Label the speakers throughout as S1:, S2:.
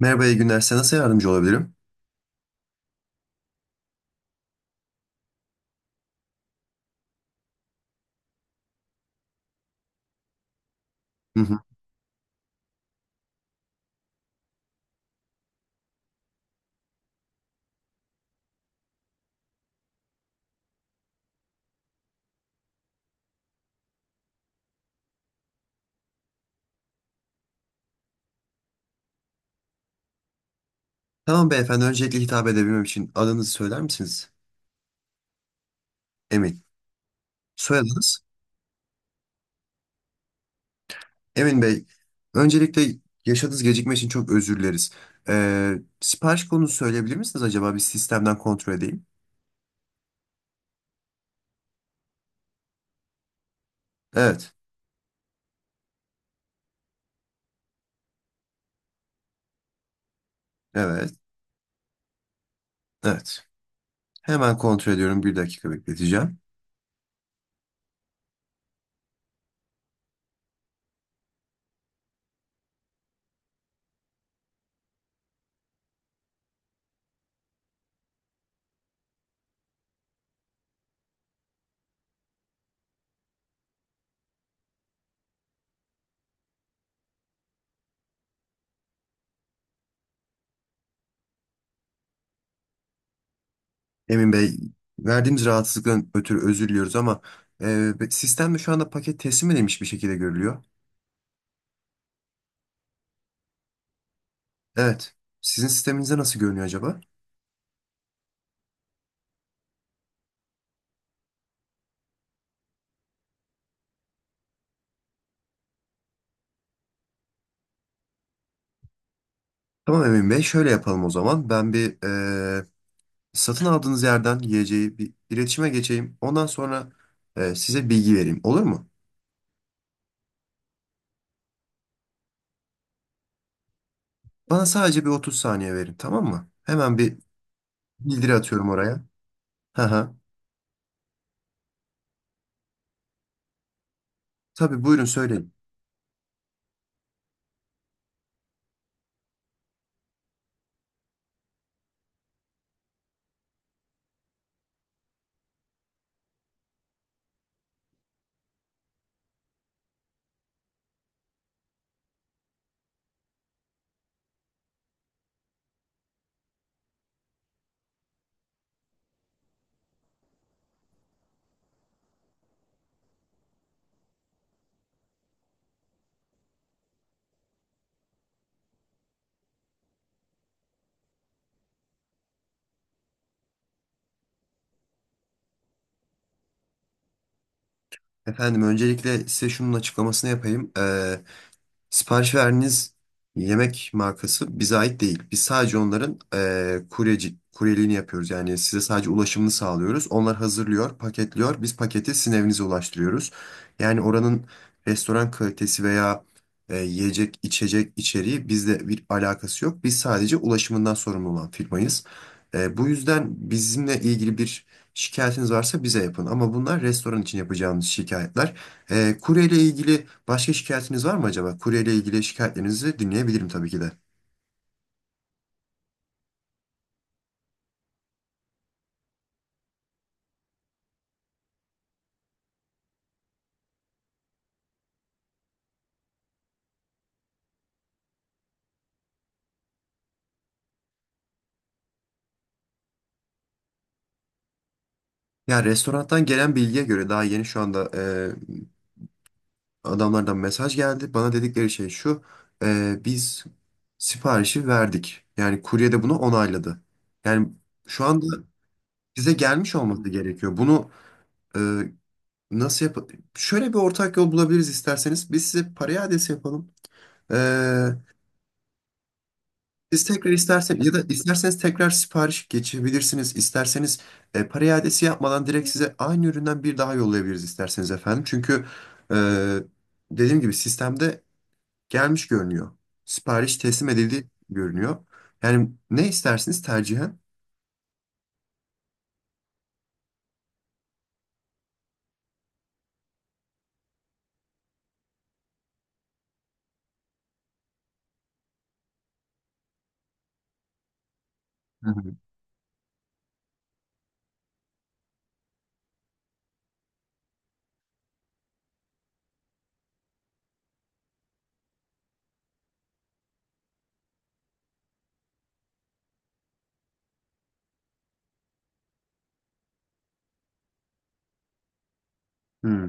S1: Merhaba, iyi günler. Size nasıl yardımcı olabilirim? Hı hı. Tamam beyefendi. Öncelikle hitap edebilmem için adınızı söyler misiniz? Emin. Soyadınız? Emin Bey. Öncelikle yaşadığınız gecikme için çok özür dileriz. Ee, Sipariş konusu söyleyebilir misiniz acaba? Bir sistemden kontrol edeyim. Evet. Evet. Evet. Hemen kontrol ediyorum. Bir dakika bekleteceğim. Emin Bey, verdiğimiz rahatsızlıktan ötürü özür diliyoruz ama sistemde şu anda paket teslim edilmiş bir şekilde görülüyor. Evet. Sizin sisteminizde nasıl görünüyor acaba? Tamam Emin Bey, şöyle yapalım o zaman. Ben bir eee, satın aldığınız yerden yiyeceği bir iletişime geçeyim. Ondan sonra size bilgi vereyim. Olur mu? Bana sadece bir 30 saniye verin, tamam mı? Hemen bir bildiri atıyorum oraya. Hı hı. Tabii buyurun söyleyin. Efendim öncelikle size şunun açıklamasını yapayım. Sipariş verdiğiniz yemek markası bize ait değil. Biz sadece onların kuryeliğini yapıyoruz. Yani size sadece ulaşımını sağlıyoruz. Onlar hazırlıyor, paketliyor. Biz paketi sizin evinize ulaştırıyoruz. Yani oranın restoran kalitesi veya yiyecek, içecek içeriği bizle bir alakası yok. Biz sadece ulaşımından sorumlu olan firmayız. Bu yüzden bizimle ilgili bir şikayetiniz varsa bize yapın. Ama bunlar restoran için yapacağımız şikayetler. Kuryeyle ilgili başka şikayetiniz var mı acaba? Kuryeyle ilgili şikayetlerinizi dinleyebilirim tabii ki de. Ya restorandan gelen bilgiye göre daha yeni şu anda adamlardan mesaj geldi. Bana dedikleri şey şu. Biz siparişi verdik. Yani kurye de bunu onayladı. Yani şu anda bize gelmiş olması gerekiyor. Bunu e, nasıl yap... Şöyle bir ortak yol bulabiliriz isterseniz. Biz size parayı adresi yapalım. E, Siz tekrar isterseniz ya da isterseniz tekrar sipariş geçebilirsiniz. İsterseniz para iadesi yapmadan direkt size aynı üründen bir daha yollayabiliriz isterseniz efendim. Çünkü e, dediğim gibi sistemde gelmiş görünüyor. Sipariş teslim edildi görünüyor. Yani ne istersiniz tercihen? Hı hı. Hmm.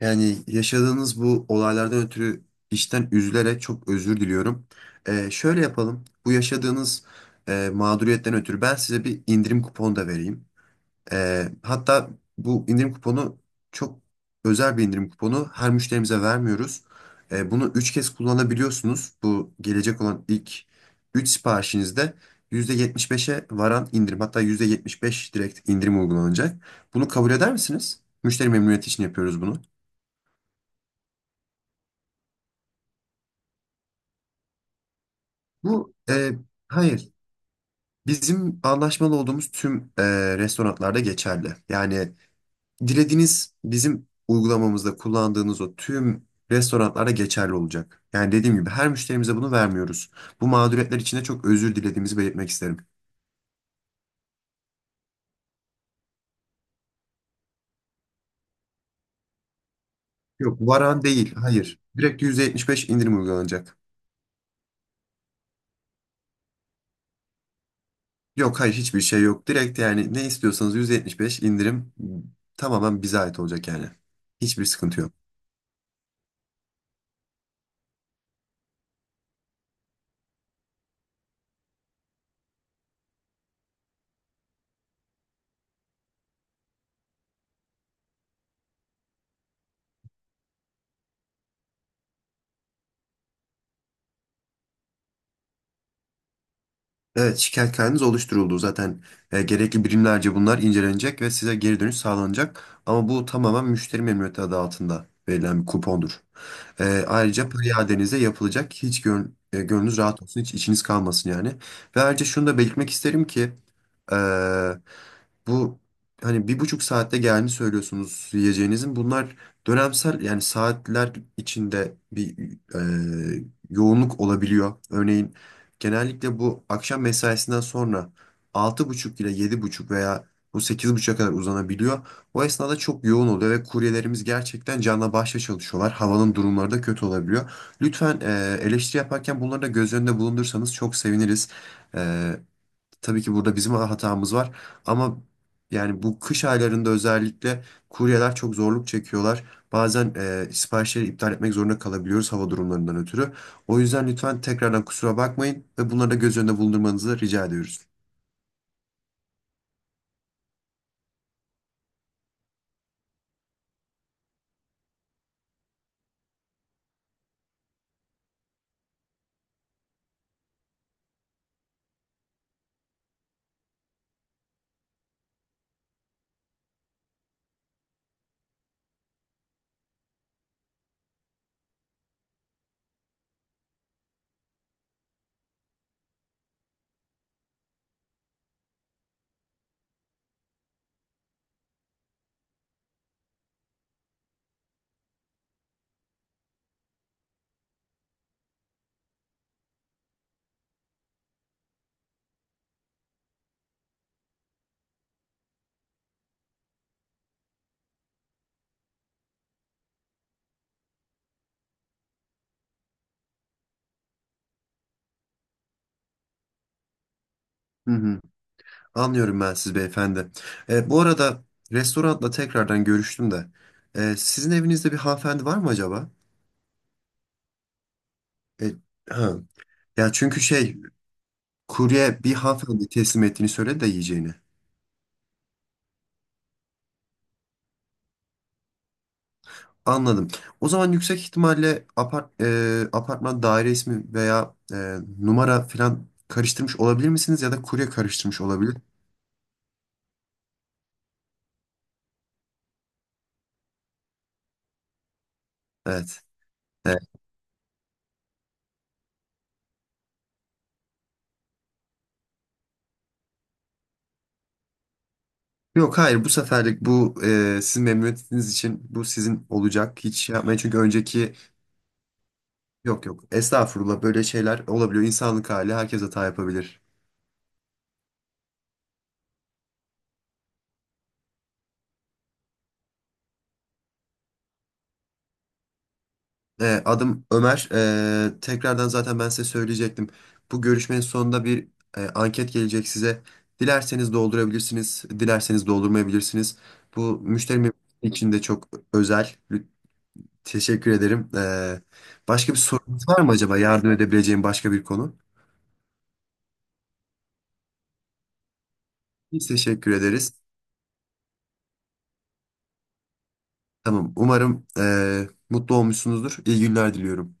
S1: Yani yaşadığınız bu olaylardan ötürü işten üzülerek çok özür diliyorum. Şöyle yapalım. Bu yaşadığınız mağduriyetten ötürü ben size bir indirim kuponu da vereyim. Hatta bu indirim kuponu çok özel bir indirim kuponu. Her müşterimize vermiyoruz. Bunu 3 kez kullanabiliyorsunuz. Bu gelecek olan ilk 3 siparişinizde %75'e varan indirim, hatta %75 direkt indirim uygulanacak. Bunu kabul eder misiniz? Müşteri memnuniyeti için yapıyoruz bunu. Bu hayır. Bizim anlaşmalı olduğumuz tüm restoranlarda geçerli. Yani dilediğiniz bizim uygulamamızda kullandığınız o tüm restoranlara geçerli olacak. Yani dediğim gibi her müşterimize bunu vermiyoruz. Bu mağduriyetler için de çok özür dilediğimizi belirtmek isterim. Yok varan değil, hayır. Direkt %75 indirim uygulanacak. Yok hayır, hiçbir şey yok. Direkt yani ne istiyorsanız %75 indirim tamamen bize ait olacak yani. Hiçbir sıkıntı yok. Evet, şikayet kaydınız oluşturuldu. Zaten gerekli birimlerce bunlar incelenecek ve size geri dönüş sağlanacak. Ama bu tamamen müşteri memnuniyeti adı altında verilen bir kupondur. Ayrıca para iadenize yapılacak. Hiç gönlünüz rahat olsun, hiç içiniz kalmasın yani. Ve ayrıca şunu da belirtmek isterim ki e, bu hani 1,5 saatte gelmiş söylüyorsunuz yiyeceğinizin. Bunlar dönemsel, yani saatler içinde bir e, yoğunluk olabiliyor. Örneğin genellikle bu akşam mesaisinden sonra 6.30 ile 7.30 veya bu 8.30'a kadar uzanabiliyor. O esnada çok yoğun oluyor ve kuryelerimiz gerçekten canla başla çalışıyorlar. Havanın durumları da kötü olabiliyor. Lütfen eleştiri yaparken bunları da göz önünde bulundursanız çok seviniriz. E, Tabii ki burada bizim hatamız var ama yani bu kış aylarında özellikle kuryeler çok zorluk çekiyorlar. Bazen siparişleri iptal etmek zorunda kalabiliyoruz hava durumlarından ötürü. O yüzden lütfen tekrardan kusura bakmayın ve bunları da göz önünde bulundurmanızı rica ediyoruz. Hı hı. Anlıyorum ben siz beyefendi. Bu arada restoranla tekrardan görüştüm de. Sizin evinizde bir hanımefendi var mı acaba? E, ha. Ya çünkü şey, kurye bir hanımefendi teslim ettiğini söyledi de yiyeceğini. Anladım. O zaman yüksek ihtimalle apartman daire ismi veya numara falan karıştırmış olabilir misiniz ya da kurye karıştırmış olabilir. Evet. Evet. Yok hayır, bu seferlik bu sizin memnuniyetiniz için bu sizin olacak. Hiç şey yapmayın çünkü önceki. Yok yok, estağfurullah, böyle şeyler olabiliyor. İnsanlık hali, herkes hata yapabilir. Adım Ömer. Tekrardan zaten ben size söyleyecektim. Bu görüşmenin sonunda bir anket gelecek size. Dilerseniz doldurabilirsiniz, dilerseniz doldurmayabilirsiniz. Bu müşterim için de çok özel. Teşekkür ederim. Başka bir sorunuz var mı acaba? Yardım edebileceğim başka bir konu? Biz teşekkür ederiz. Tamam. Umarım mutlu olmuşsunuzdur. İyi günler diliyorum.